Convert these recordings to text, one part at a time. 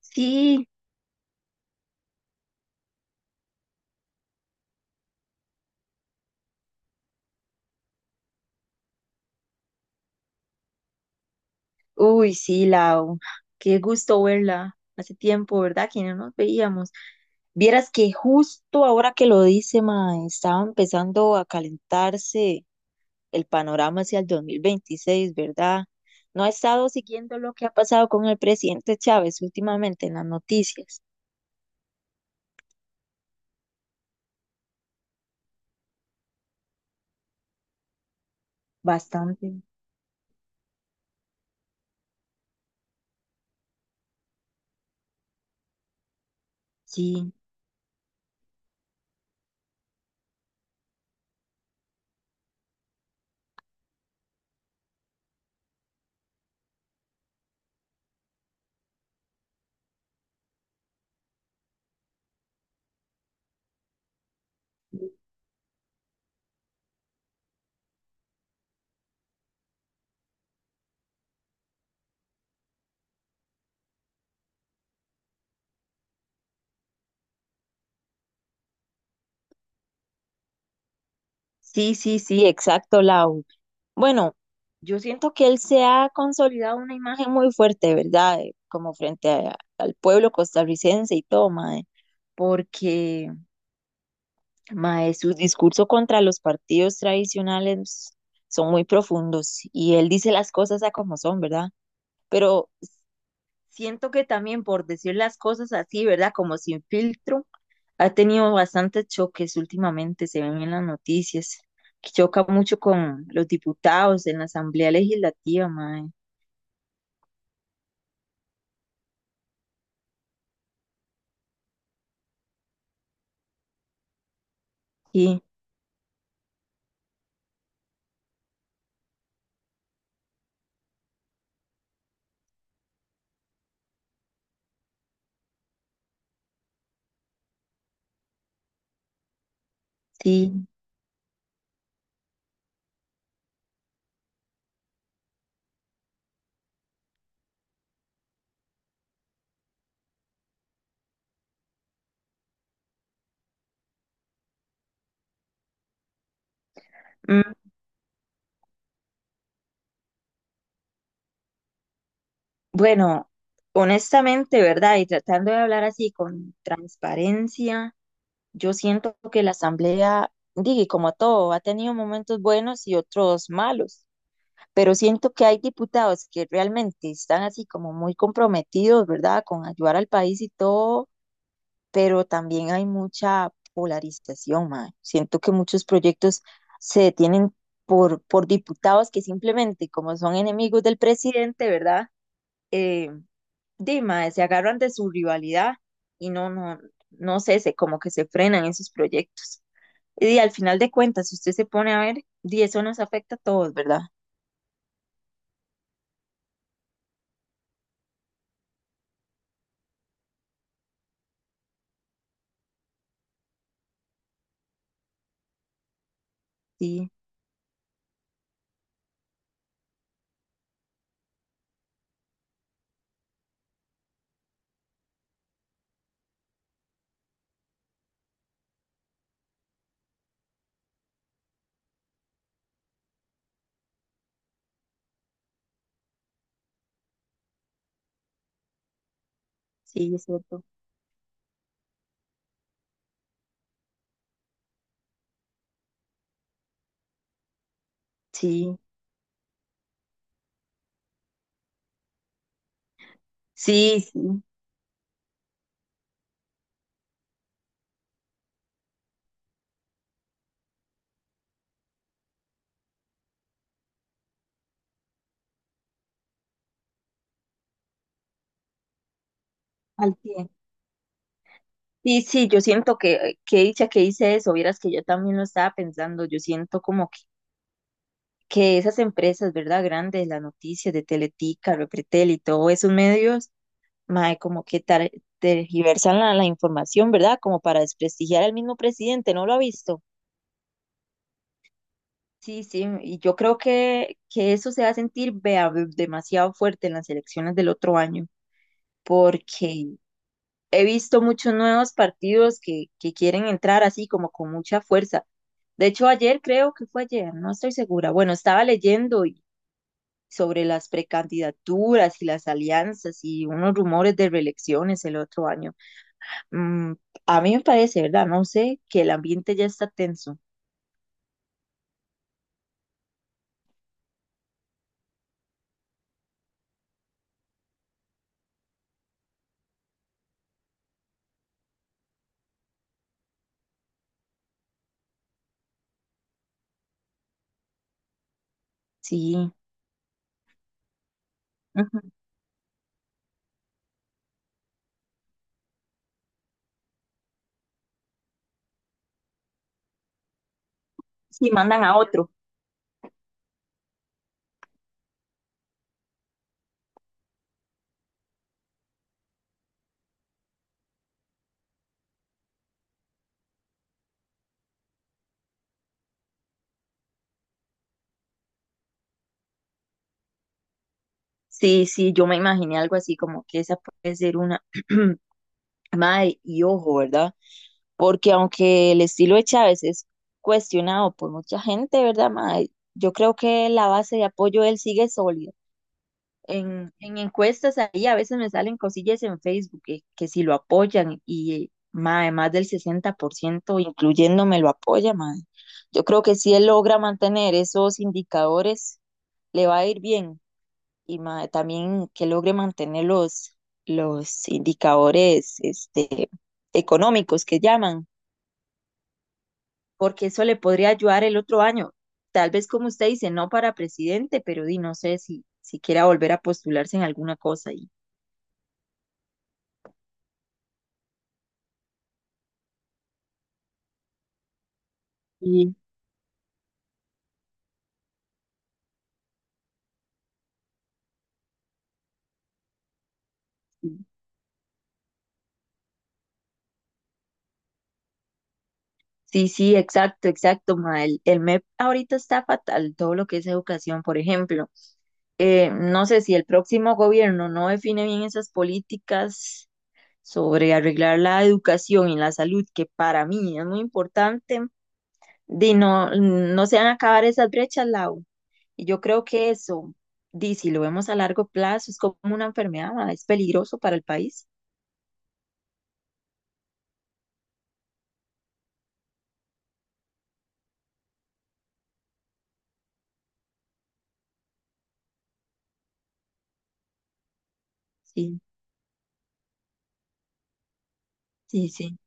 Sí, uy, sí, Lau, qué gusto verla. Hace tiempo, ¿verdad? Que no nos veíamos. Vieras que justo ahora que lo dice, ma, estaba empezando a calentarse el panorama hacia el 2026, ¿verdad? No he estado siguiendo lo que ha pasado con el presidente Chávez últimamente en las noticias. Bastante. Sí, sí, sí, sí, exacto, Lau. Bueno, yo siento que él se ha consolidado una imagen muy fuerte, ¿verdad? Como frente al pueblo costarricense y todo, mae, porque, mae, sus discursos contra los partidos tradicionales son muy profundos y él dice las cosas a como son, ¿verdad? Pero siento que también por decir las cosas así, ¿verdad? Como sin filtro, ha tenido bastantes choques últimamente, se ven en las noticias, que choca mucho con los diputados en la Asamblea Legislativa, mae. Sí, sí. Mm, bueno, honestamente, ¿verdad? Y tratando de hablar así con transparencia, yo siento que la asamblea, digo, como todo, ha tenido momentos buenos y otros malos, pero siento que hay diputados que realmente están así como muy comprometidos, ¿verdad? Con ayudar al país y todo, pero también hay mucha polarización, mae. Siento que muchos proyectos se detienen por diputados que simplemente, como son enemigos del presidente, ¿verdad? eh, di, mae, se agarran de su rivalidad y no sé, se, como que se frenan esos proyectos. Y di, al final de cuentas, si usted se pone a ver, di, eso nos afecta a todos, ¿verdad? Sí, sí, es cierto. Sí, sí, sí, al cien. Sí, sí, yo siento que dicha que hice eso, vieras que yo también lo estaba pensando, yo siento como que esas empresas, ¿verdad? Grandes, las noticias de Teletica, Repretel y todos esos medios, mae, como que tergiversan la información, ¿verdad? Como para desprestigiar al mismo presidente, ¿no lo ha visto? Sí, sí, y yo creo que eso se va a sentir vea, demasiado fuerte en las elecciones del otro año, porque he visto muchos nuevos partidos que quieren entrar así como con mucha fuerza. De hecho, ayer creo que fue ayer, no estoy segura. Bueno, sobre las precandidaturas y las alianzas y unos rumores de reelecciones el otro año. Mm, a mí me parece, ¿verdad? No sé, que el ambiente ya está tenso. Sí. Ujú. Si mandan a otro. Sí, sí, yo me imaginé algo así como que esa puede ser una madre y ojo, ¿verdad? Porque aunque el estilo de Chávez es cuestionado por mucha gente, ¿verdad, mae? Yo creo que la base de apoyo de él sigue sólida. En encuestas ahí a veces me salen cosillas en Facebook que si lo apoyan y mae, más del 60%, incluyéndome, lo apoya, mae. Yo creo que si él logra mantener esos indicadores, le va a ir bien. Y mae, también que logre mantener los indicadores este, económicos que llaman, porque eso le podría ayudar el otro año. Tal vez como usted dice, no para presidente, pero di, no sé si, si quiera volver a postularse en alguna cosa. Y, y sí, sí, exacto, exacto, ma. El MEP ahorita está fatal, todo lo que es educación, por ejemplo. No sé si el próximo gobierno no define bien esas políticas sobre arreglar la educación y la salud, que para mí es muy importante, de no, no se van a acabar esas brechas, Lau. Y yo creo que eso, di, si lo vemos a largo plazo, es como una enfermedad, ma, es peligroso para el país. Sí, sí, sí.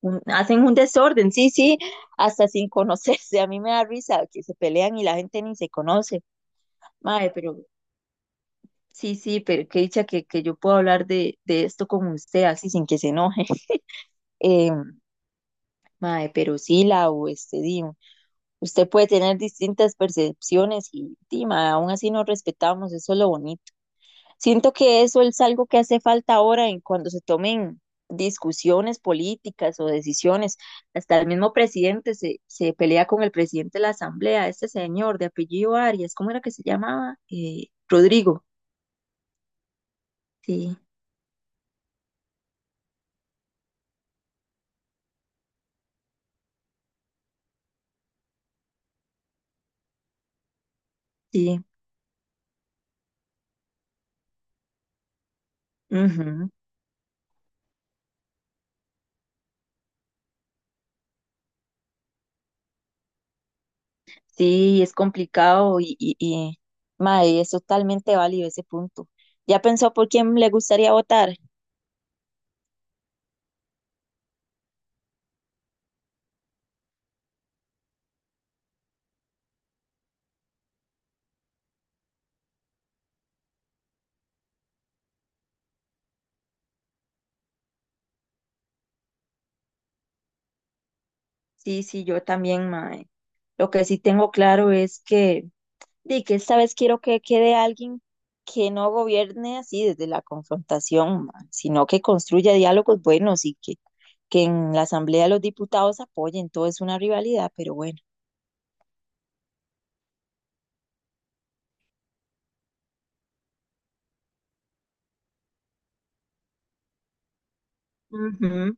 Hacen un desorden, sí, sí, hasta sin conocerse. A mí me da risa que se pelean y la gente ni se conoce. Mae, pero sí, sí, pero qué dicha que yo puedo hablar de esto con usted así sin que se enoje. Eh, mae, pero sí, Lau, este, di, usted puede tener distintas percepciones y, di, mae, aún así nos respetamos, eso es lo bonito. Siento que eso es algo que hace falta ahora en cuando se tomen discusiones políticas o decisiones. Hasta el mismo presidente se pelea con el presidente de la asamblea, este señor de apellido Arias, ¿cómo era que se llamaba? Rodrigo. Sí, sí. Ujú. Sí, es complicado y mae, es totalmente válido ese punto. ¿Ya pensó por quién le gustaría votar? Sí, sí, yo también, mae. Lo que sí tengo claro es que de que esta vez quiero que quede alguien que no gobierne así desde la confrontación, ma, sino que construya diálogos buenos y que en la Asamblea los diputados apoyen. Todo es una rivalidad, pero bueno. Ujú.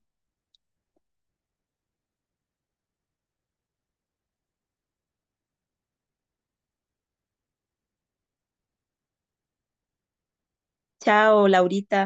Chao, Laurita.